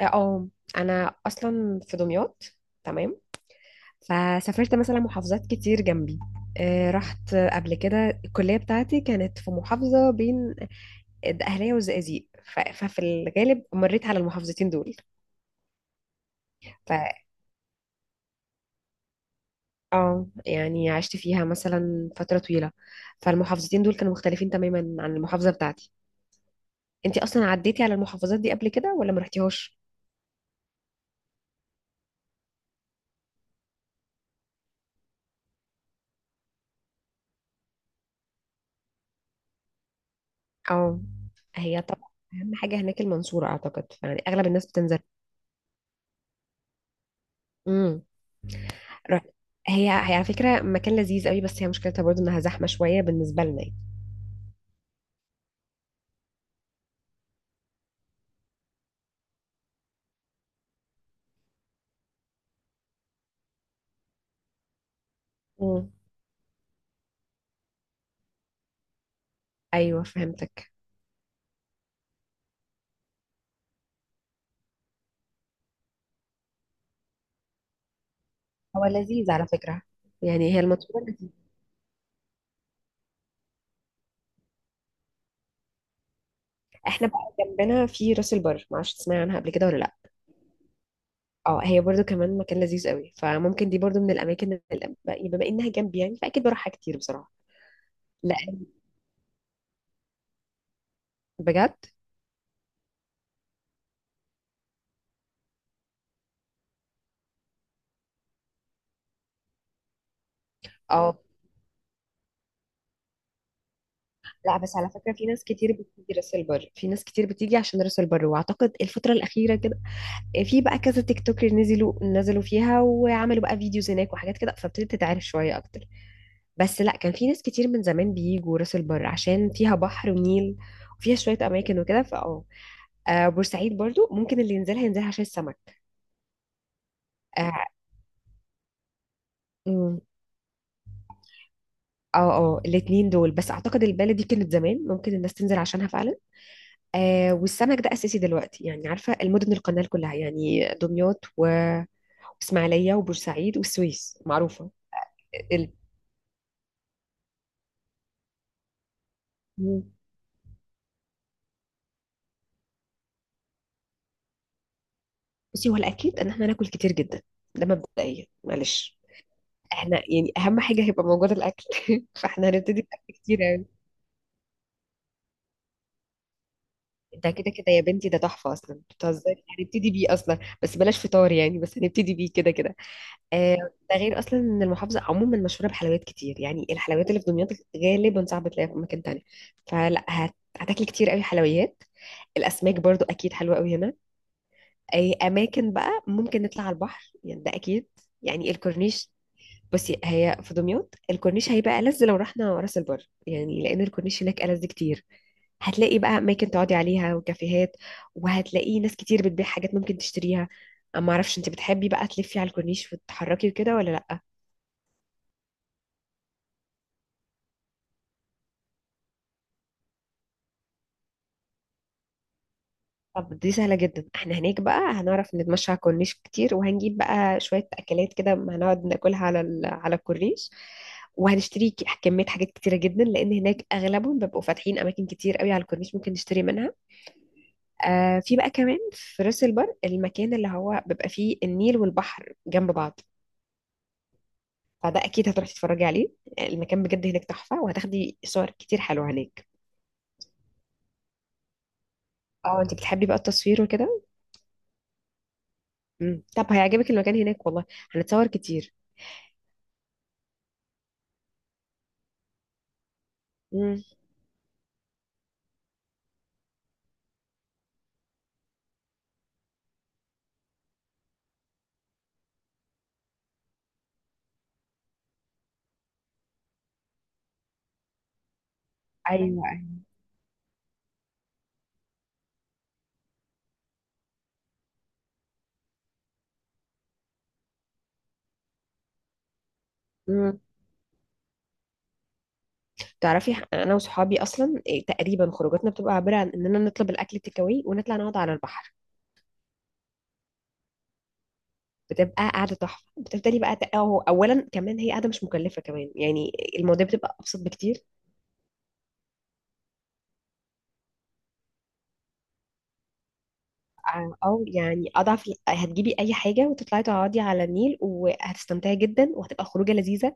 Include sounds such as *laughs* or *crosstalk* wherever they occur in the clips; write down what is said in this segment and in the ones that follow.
اه، انا اصلا في دمياط. تمام. فسافرت مثلا محافظات كتير جنبي. رحت قبل كده، الكلية بتاعتي كانت في محافظة بين الدقهلية والزقازيق. ففي الغالب مريت على المحافظتين دول. ف اه يعني عشت فيها مثلا فترة طويلة. فالمحافظتين دول كانوا مختلفين تماما عن المحافظة بتاعتي. انتي اصلا عديتي على المحافظات دي قبل كده ولا ما رحتيهاش؟ اه. هي طبعا اهم حاجة هناك المنصورة، اعتقد يعني اغلب الناس بتنزل. رحت. هي على فكرة مكان لذيذ قوي، بس هي مشكلتها برضو انها زحمة شوية بالنسبة لنا يعني. مم. ايوه فهمتك. هو لذيذ على فكرة، يعني هي المنصورة لذيذة. احنا بقى جنبنا في راس البر، معرفش تسمعي عنها قبل كده ولا لا؟ اه هي برضو كمان مكان لذيذ قوي، فممكن دي برضو من الاماكن اللي بما انها جنبي يعني فاكيد بروحها كتير بصراحة. لا. بجد. اه لا، بس على فكرة في ناس كتير بتيجي راس البر، في ناس كتير بتيجي عشان راس البر، واعتقد الفترة الأخيرة كده في بقى كذا تيك توكر نزلوا فيها وعملوا بقى فيديوز هناك وحاجات كده فابتدت تتعرف شوية أكتر. بس لا، كان في ناس كتير من زمان بيجوا راس البر عشان فيها بحر ونيل وفيها شوية أماكن وكده بورسعيد برضو ممكن اللي ينزلها ينزلها عشان السمك. اه. مم. اه، الاتنين دول بس أعتقد البالة دي كانت زمان ممكن الناس تنزل عشانها فعلا. والسمك ده أساسي دلوقتي يعني، عارفة المدن القنال كلها يعني دمياط وإسماعيلية وبورسعيد والسويس معروفة. ال... بصي هو الأكيد إن احنا ناكل كتير جدا، ده مبدئيا معلش. احنا يعني أهم حاجة هيبقى موجودة الأكل *laughs* فاحنا هنبتدي بأكل كتير أوي. ده كده كده يا بنتي، ده تحفة أصلا بتهزري، هنبتدي بيه أصلا، بس بلاش فطار يعني، بس هنبتدي بيه كده كده. آه. ده غير أصلا إن المحافظة عموما مشهورة بحلويات كتير، يعني الحلويات اللي في دمياط غالبا صعب تلاقيها في مكان تاني. فلا هتاكلي كتير أوي حلويات. الأسماك برضو أكيد حلوة أوي هنا. أي أماكن بقى ممكن نطلع على البحر يعني ده أكيد، يعني الكورنيش. بصي هي في دمياط الكورنيش هيبقى ألذ، لو رحنا راس البر يعني لأن الكورنيش هناك ألذ كتير. هتلاقي بقى أماكن تقعدي عليها وكافيهات، وهتلاقي ناس كتير بتبيع حاجات ممكن تشتريها. أما معرفش أنت بتحبي بقى تلفي على الكورنيش وتتحركي وكده ولا لأ. طب دي سهلة جدا، احنا هناك بقى هنعرف نتمشى على الكورنيش كتير وهنجيب بقى شوية أكلات كده هنقعد ناكلها على على الكورنيش. وهنشتري كمية حاجات كتيرة جدا لأن هناك أغلبهم بيبقوا فاتحين أماكن كتير قوي على الكورنيش ممكن نشتري منها. آه في بقى كمان في راس البر المكان اللي هو بيبقى فيه النيل والبحر جنب بعض، فده اكيد هتروحي تتفرجي عليه. المكان بجد هناك تحفة وهتاخدي صور كتير حلوة هناك. اه انت بتحبي بقى التصوير وكده. مم. طب هيعجبك المكان هناك والله، هنتصور كتير. مم. ايوه. امم تعرفي انا وصحابي اصلا تقريبا خروجاتنا بتبقى عباره عن اننا نطلب الاكل تيك اواي ونطلع نقعد على البحر. بتبقى قاعده تحفه، بتفضلي بقى أو اولا كمان هي قاعده مش مكلفه كمان يعني، المواضيع بتبقى ابسط بكتير. او يعني اضعف هتجيبي اي حاجه وتطلعي تقعدي على النيل وهتستمتعي جدا وهتبقى خروجه لذيذه.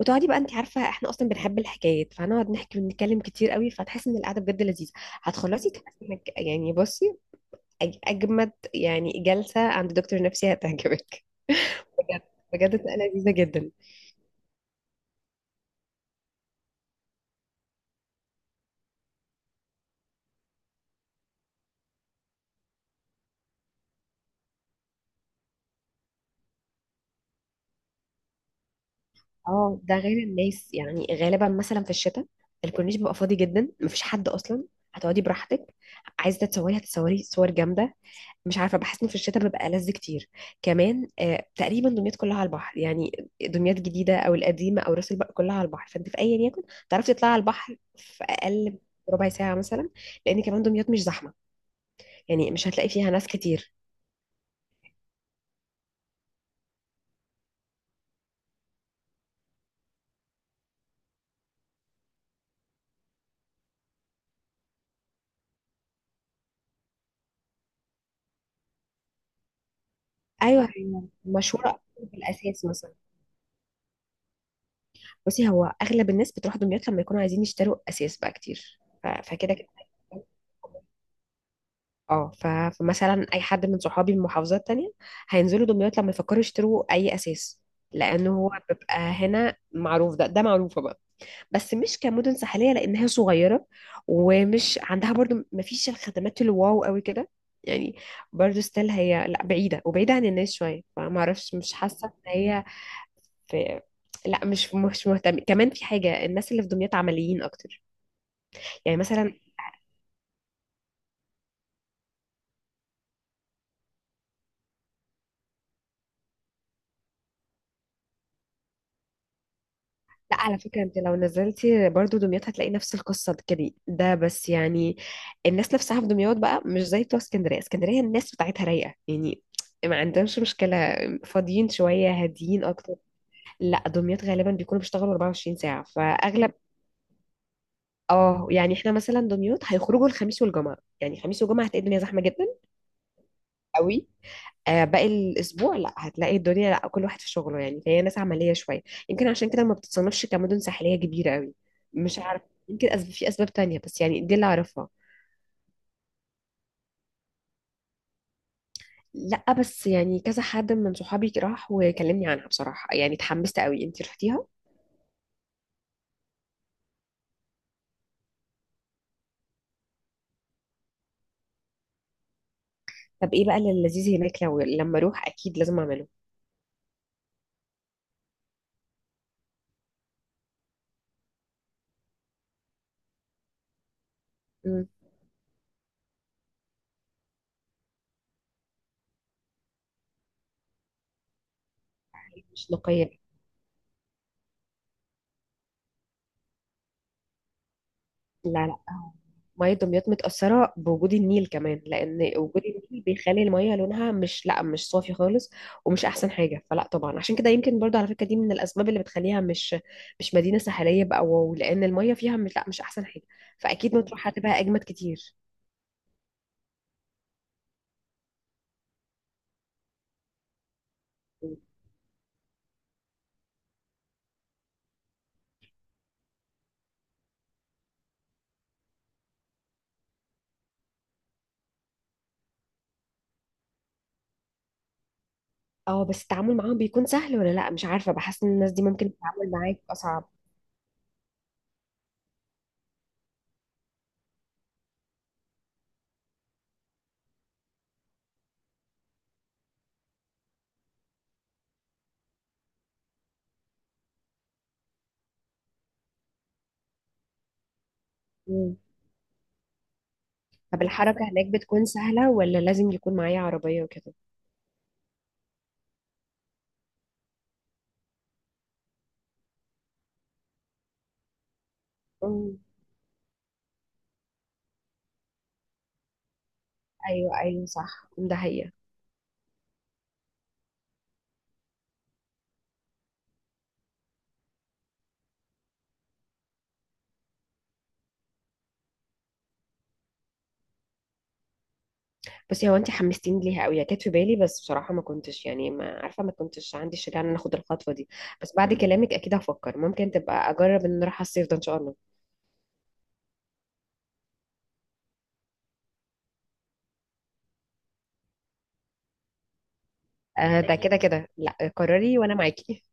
وتقعدي بقى، انت عارفه احنا اصلا بنحب الحكايات فهنقعد نحكي ونتكلم كتير قوي، فتحسي ان القعده بجد لذيذه. هتخلصي تحسي انك يعني بصي اجمد يعني جلسه عند دكتور نفسي هتعجبك. *laughs* بجد. بجد بتبقى لذيذه جدا. اه ده غير الناس يعني غالبا مثلا في الشتاء الكورنيش بيبقى فاضي جدا مفيش حد اصلا، هتقعدي براحتك. عايزه تتصوري هتتصوري صور جامده. مش عارفه بحس انه في الشتاء ببقى لذ كتر. كمان آه تقريبا دمياط كلها على البحر يعني، دمياط الجديده او القديمه او راس البر كلها على البحر، فانت في ايا يكن تعرفي تطلعي على البحر في اقل ربع ساعه مثلا، لان كمان دمياط مش زحمه يعني مش هتلاقي فيها ناس كتير. ايوه هي مشهوره أكتر بالاساس مثلا. بصي هو اغلب الناس بتروح دمياط لما يكونوا عايزين يشتروا اساس بقى كتير فكده كده. اه فمثلا اي حد من صحابي من محافظات تانية هينزلوا دمياط لما يفكروا يشتروا اي اساس، لانه هو بيبقى هنا معروف، ده معروفه بقى. بس مش كمدن ساحليه لانها صغيره، ومش عندها برضو مفيش الخدمات الواو قوي كده يعني. برضو ستيل هي لا بعيده وبعيده عن الناس شويه فما اعرفش مش حاسه ان هي في لا مش مهتم كمان في حاجه. الناس اللي في دمياط عمليين اكتر يعني مثلا. لا على فكرة انت لو نزلتي برضو دمياط هتلاقي نفس القصة دي كده ده، بس يعني الناس نفسها في دمياط بقى مش زي بتوع اسكندرية. اسكندرية الناس بتاعتها رايقة يعني، ما عندهمش مشكلة، فاضيين شوية هاديين أكتر. لا دمياط غالبا بيكونوا بيشتغلوا 24 ساعة فأغلب. اه يعني احنا مثلا دمياط هيخرجوا الخميس والجمعة، يعني خميس وجمعة هتلاقي الدنيا زحمة جدا قوي. باقي الاسبوع لا، هتلاقي الدنيا لا كل واحد في شغله يعني، فهي ناس عمليه شويه، يمكن عشان كده ما بتتصنفش كمدن ساحليه كبيره قوي. مش عارف، يمكن في اسباب تانية، بس يعني دي اللي اعرفها. لا بس يعني كذا حد من صحابي راح وكلمني عنها بصراحه، يعني اتحمست قوي، انتي رحتيها؟ طب ايه بقى اللي لذيذ هناك لو لما اروح اكيد لازم اعمله. مم. مش نقيه. لا لا، مية دمياط متأثرة بوجود النيل كمان، لأن وجود النيل بيخلي المية لونها مش لا مش صافي خالص، ومش أحسن حاجة. فلا طبعا عشان كده يمكن برضو على فكرة دي من الأسباب اللي بتخليها مش مدينة ساحلية بقى واو، لأن المية فيها مش لا مش أحسن حاجة. فأكيد مطروح هتبقى أجمد كتير. اه بس التعامل معاهم بيكون سهل ولا لا؟ مش عارفة بحس إن الناس دي ممكن تتعامل معاك أصعب. مم. طب الحركة هناك بتكون سهلة ولا لازم يكون معايا عربية وكده؟ مم. أيوه أيوه صح ده هي. بصي هو انت حمستيني ليها قوي، هي كانت في بالي بس بصراحه ما كنتش يعني ما عارفه ما كنتش عندي الشجاعه ان انا اخد الخطوه دي. بس بعد كلامك اكيد هفكر، ممكن تبقى اجرب ان نروح على الصيف ده ان شاء الله. آه ده كده كده، لا قرري وانا معاكي.